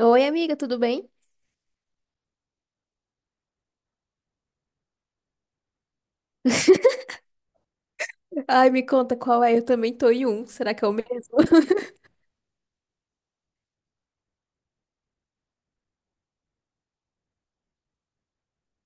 Oi, amiga, tudo bem? Ai, me conta qual é. Eu também tô em um. Será que é o mesmo?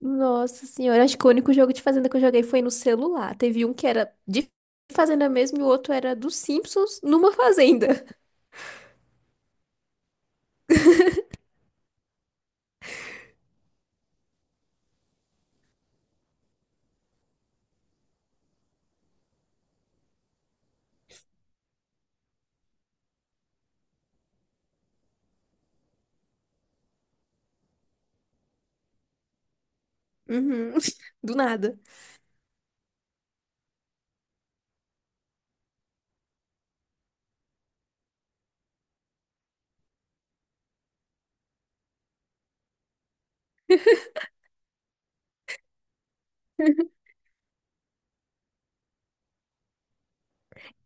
Nossa senhora, acho que o único jogo de fazenda que eu joguei foi no celular. Teve um que era de fazenda mesmo e o outro era dos Simpsons numa fazenda. Uhum. Do nada.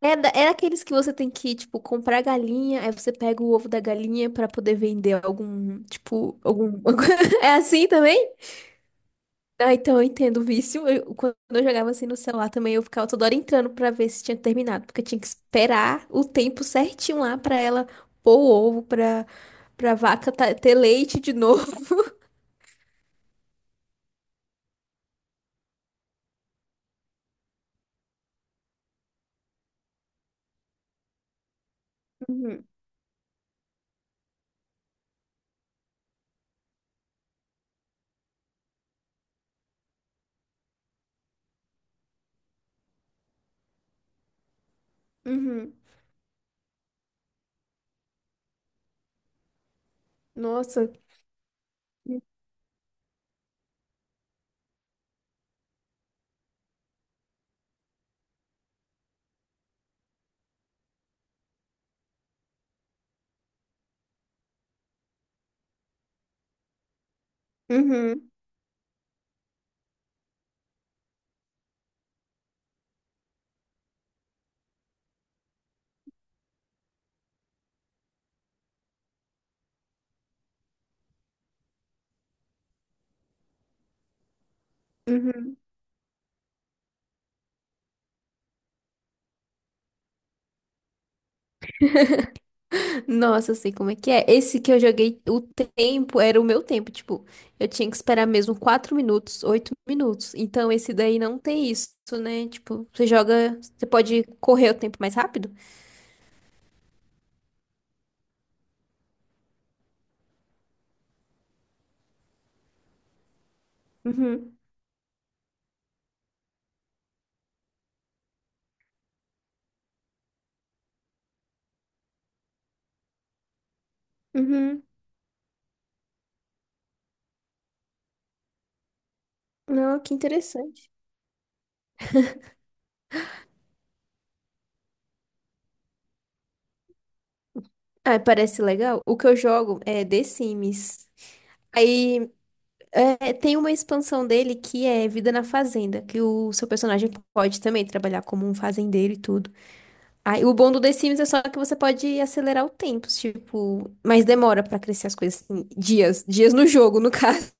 É, aqueles que você tem que, tipo, comprar galinha, aí você pega o ovo da galinha pra poder vender algum, tipo, algum. É assim também? Ah, então eu entendo o vício. Quando eu jogava assim no celular também, eu ficava toda hora entrando pra ver se tinha terminado, porque eu tinha que esperar o tempo certinho lá pra ela pôr o ovo, pra, pra vaca ter leite de novo. Uhum, uhum. Nossa. Uhum, uhum. Nossa, eu sei como é que é. Esse que eu joguei, o tempo era o meu tempo. Tipo, eu tinha que esperar mesmo 4 minutos, 8 minutos. Então, esse daí não tem isso, né? Tipo, você joga, você pode correr o tempo mais rápido. Uhum. Uhum. Não, que interessante. Ah, parece legal. O que eu jogo é The Sims. Aí é, tem uma expansão dele que é Vida na Fazenda, que o seu personagem pode também trabalhar como um fazendeiro e tudo. Aí o bom do The Sims é só que você pode acelerar o tempo, tipo, mas demora pra crescer as coisas, assim, dias, dias no jogo, no caso.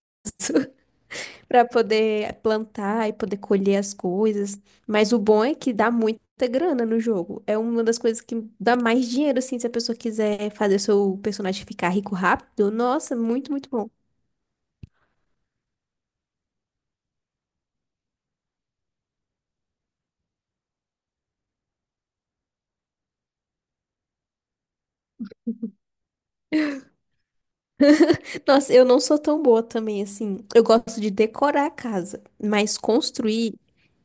Para poder plantar e poder colher as coisas. Mas o bom é que dá muita grana no jogo. É uma das coisas que dá mais dinheiro, assim, se a pessoa quiser fazer seu personagem ficar rico rápido. Nossa, muito, muito bom. Nossa, eu não sou tão boa também, assim. Eu gosto de decorar a casa, mas construir.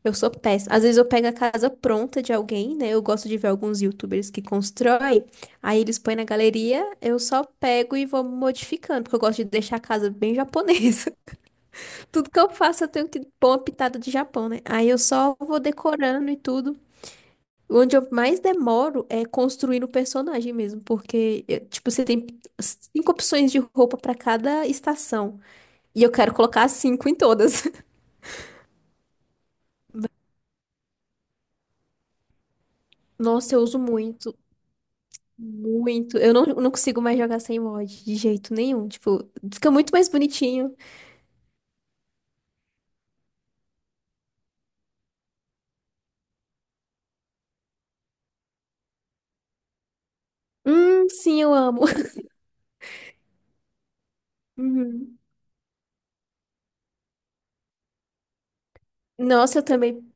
Eu sou péssima. Às vezes eu pego a casa pronta de alguém, né? Eu gosto de ver alguns YouTubers que constroem. Aí eles põem na galeria, eu só pego e vou modificando, porque eu gosto de deixar a casa bem japonesa. Tudo que eu faço eu tenho que pôr uma pitada de Japão, né? Aí eu só vou decorando e tudo. Onde eu mais demoro é construindo o personagem mesmo, porque, tipo, você tem cinco opções de roupa pra cada estação. E eu quero colocar cinco em todas. Nossa, eu uso muito, muito. Eu não, não consigo mais jogar sem mod, de jeito nenhum. Tipo, fica muito mais bonitinho. Sim, eu amo. Uhum. Nossa, eu também.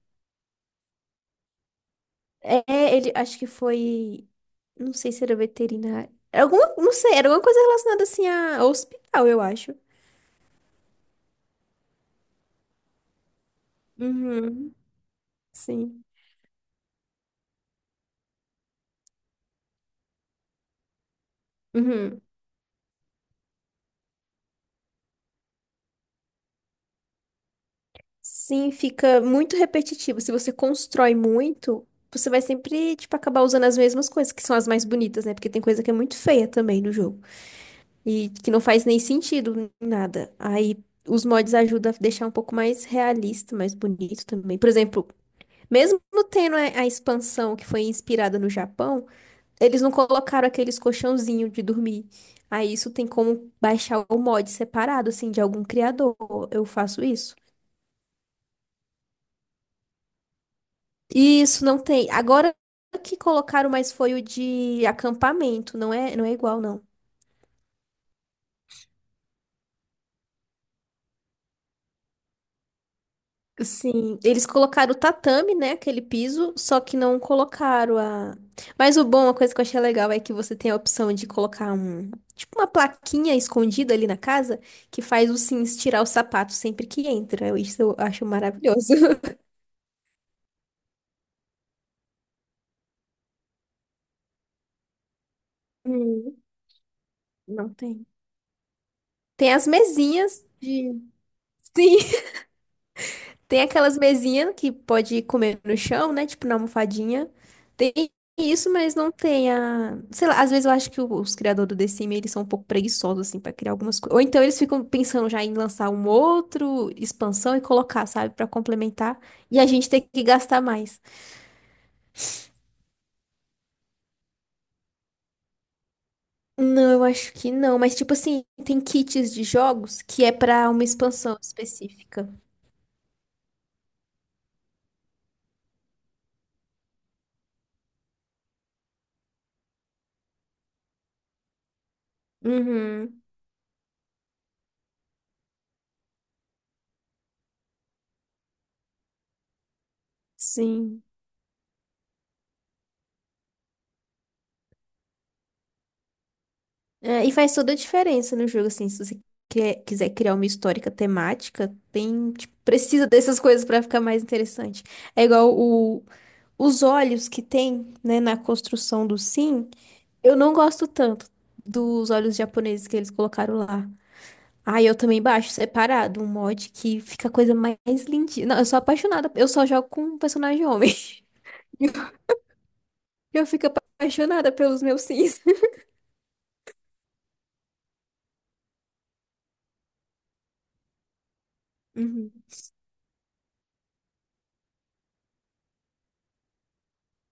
É, ele acho que foi. Não sei se era veterinário. Era alguma, não sei, era alguma coisa relacionada assim a ao hospital, eu acho. Uhum, sim. Uhum. Sim, fica muito repetitivo. Se você constrói muito, você vai sempre, tipo, acabar usando as mesmas coisas, que são as mais bonitas, né? Porque tem coisa que é muito feia também no jogo. E que não faz nem sentido em nada. Aí os mods ajudam a deixar um pouco mais realista, mais bonito também. Por exemplo, mesmo tendo a expansão que foi inspirada no Japão. Eles não colocaram aqueles colchãozinhos de dormir. Aí isso tem como baixar o mod separado, assim, de algum criador. Eu faço isso. E isso não tem. Agora que colocaram, mas foi o de acampamento. Não é, não é igual, não. Sim, eles colocaram o tatame, né? Aquele piso, só que não colocaram a. Mas o bom, uma coisa que eu achei legal é que você tem a opção de colocar um. Tipo uma plaquinha escondida ali na casa que faz o Sims tirar o sapato sempre que entra. Isso eu acho maravilhoso. Hum, não tem. Tem as mesinhas de. Sim. Tem aquelas mesinhas que pode comer no chão, né? Tipo na almofadinha. Tem isso, mas não tem a. Sei lá, às vezes eu acho que os criadores do The Sims, eles são um pouco preguiçosos, assim, pra criar algumas coisas. Ou então eles ficam pensando já em lançar um outro expansão e colocar, sabe? Pra complementar. E a gente tem que gastar mais. Não, eu acho que não. Mas, tipo assim, tem kits de jogos que é pra uma expansão específica. Uhum. Sim. É, e faz toda a diferença no jogo, assim, se você quiser criar uma histórica temática, tem, tipo, precisa dessas coisas pra ficar mais interessante. É igual o, os olhos que tem, né, na construção do Sim, eu não gosto tanto dos olhos japoneses que eles colocaram lá. Ah, eu também baixo separado, um mod que fica a coisa mais lindinha. Não, eu sou apaixonada, eu só jogo com personagem homem. Eu fico apaixonada pelos meus Sims.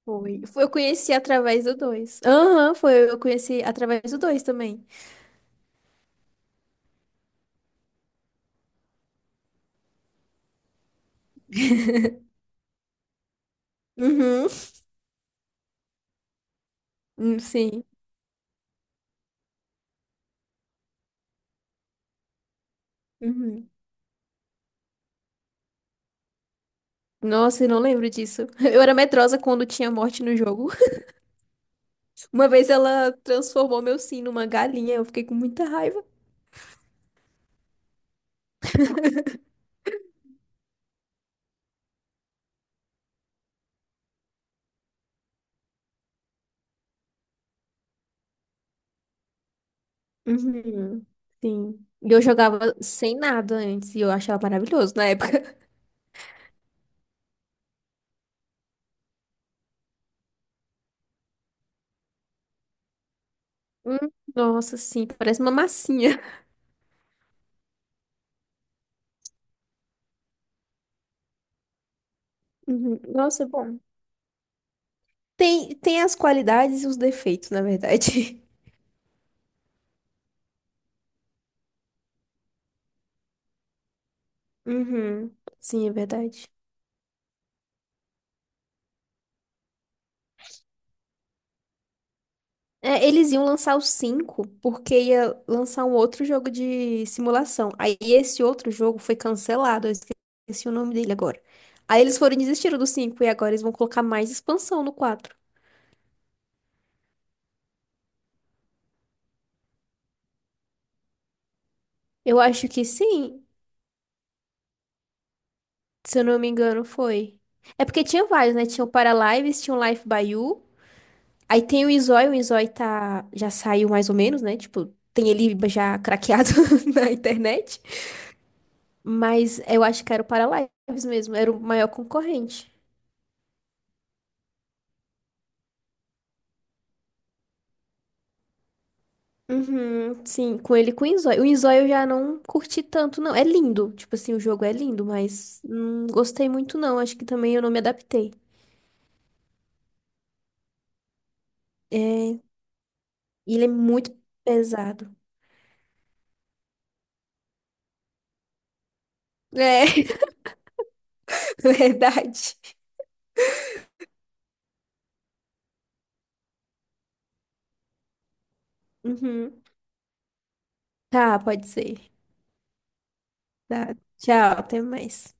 Foi. Eu conheci através do 2. Aham, foi. Eu conheci através do dois também. Uhum. Sim. Uhum. Nossa, eu não lembro disso. Eu era medrosa quando tinha morte no jogo. Uma vez ela transformou meu Sim numa galinha. Eu fiquei com muita raiva. Uhum. Sim. E eu jogava sem nada antes e eu achava maravilhoso na época. Hum, nossa, sim, parece uma massinha. Uhum. Nossa, bom. Tem, tem as qualidades e os defeitos, na verdade. Uhum. Sim, é verdade. É, eles iam lançar o 5 porque ia lançar um outro jogo de simulação. Aí esse outro jogo foi cancelado, eu esqueci o nome dele agora. Aí eles foram e desistiram do 5 e agora eles vão colocar mais expansão no 4. Eu acho que sim, se eu não me engano, foi. É porque tinha vários, né? Tinha o Paralives, tinha o Life by You. Aí tem o Izoi tá... já saiu mais ou menos, né? Tipo, tem ele já craqueado na internet. Mas eu acho que era o Paralives mesmo, era o maior concorrente. Uhum, sim, com ele e com o Inzói. O Inzói eu já não curti tanto, não. É lindo, tipo assim, o jogo é lindo, mas não gostei muito, não. Acho que também eu não me adaptei. É, e ele é muito pesado. É, verdade. Uhum. Tá, pode ser. Tá, tchau, até mais.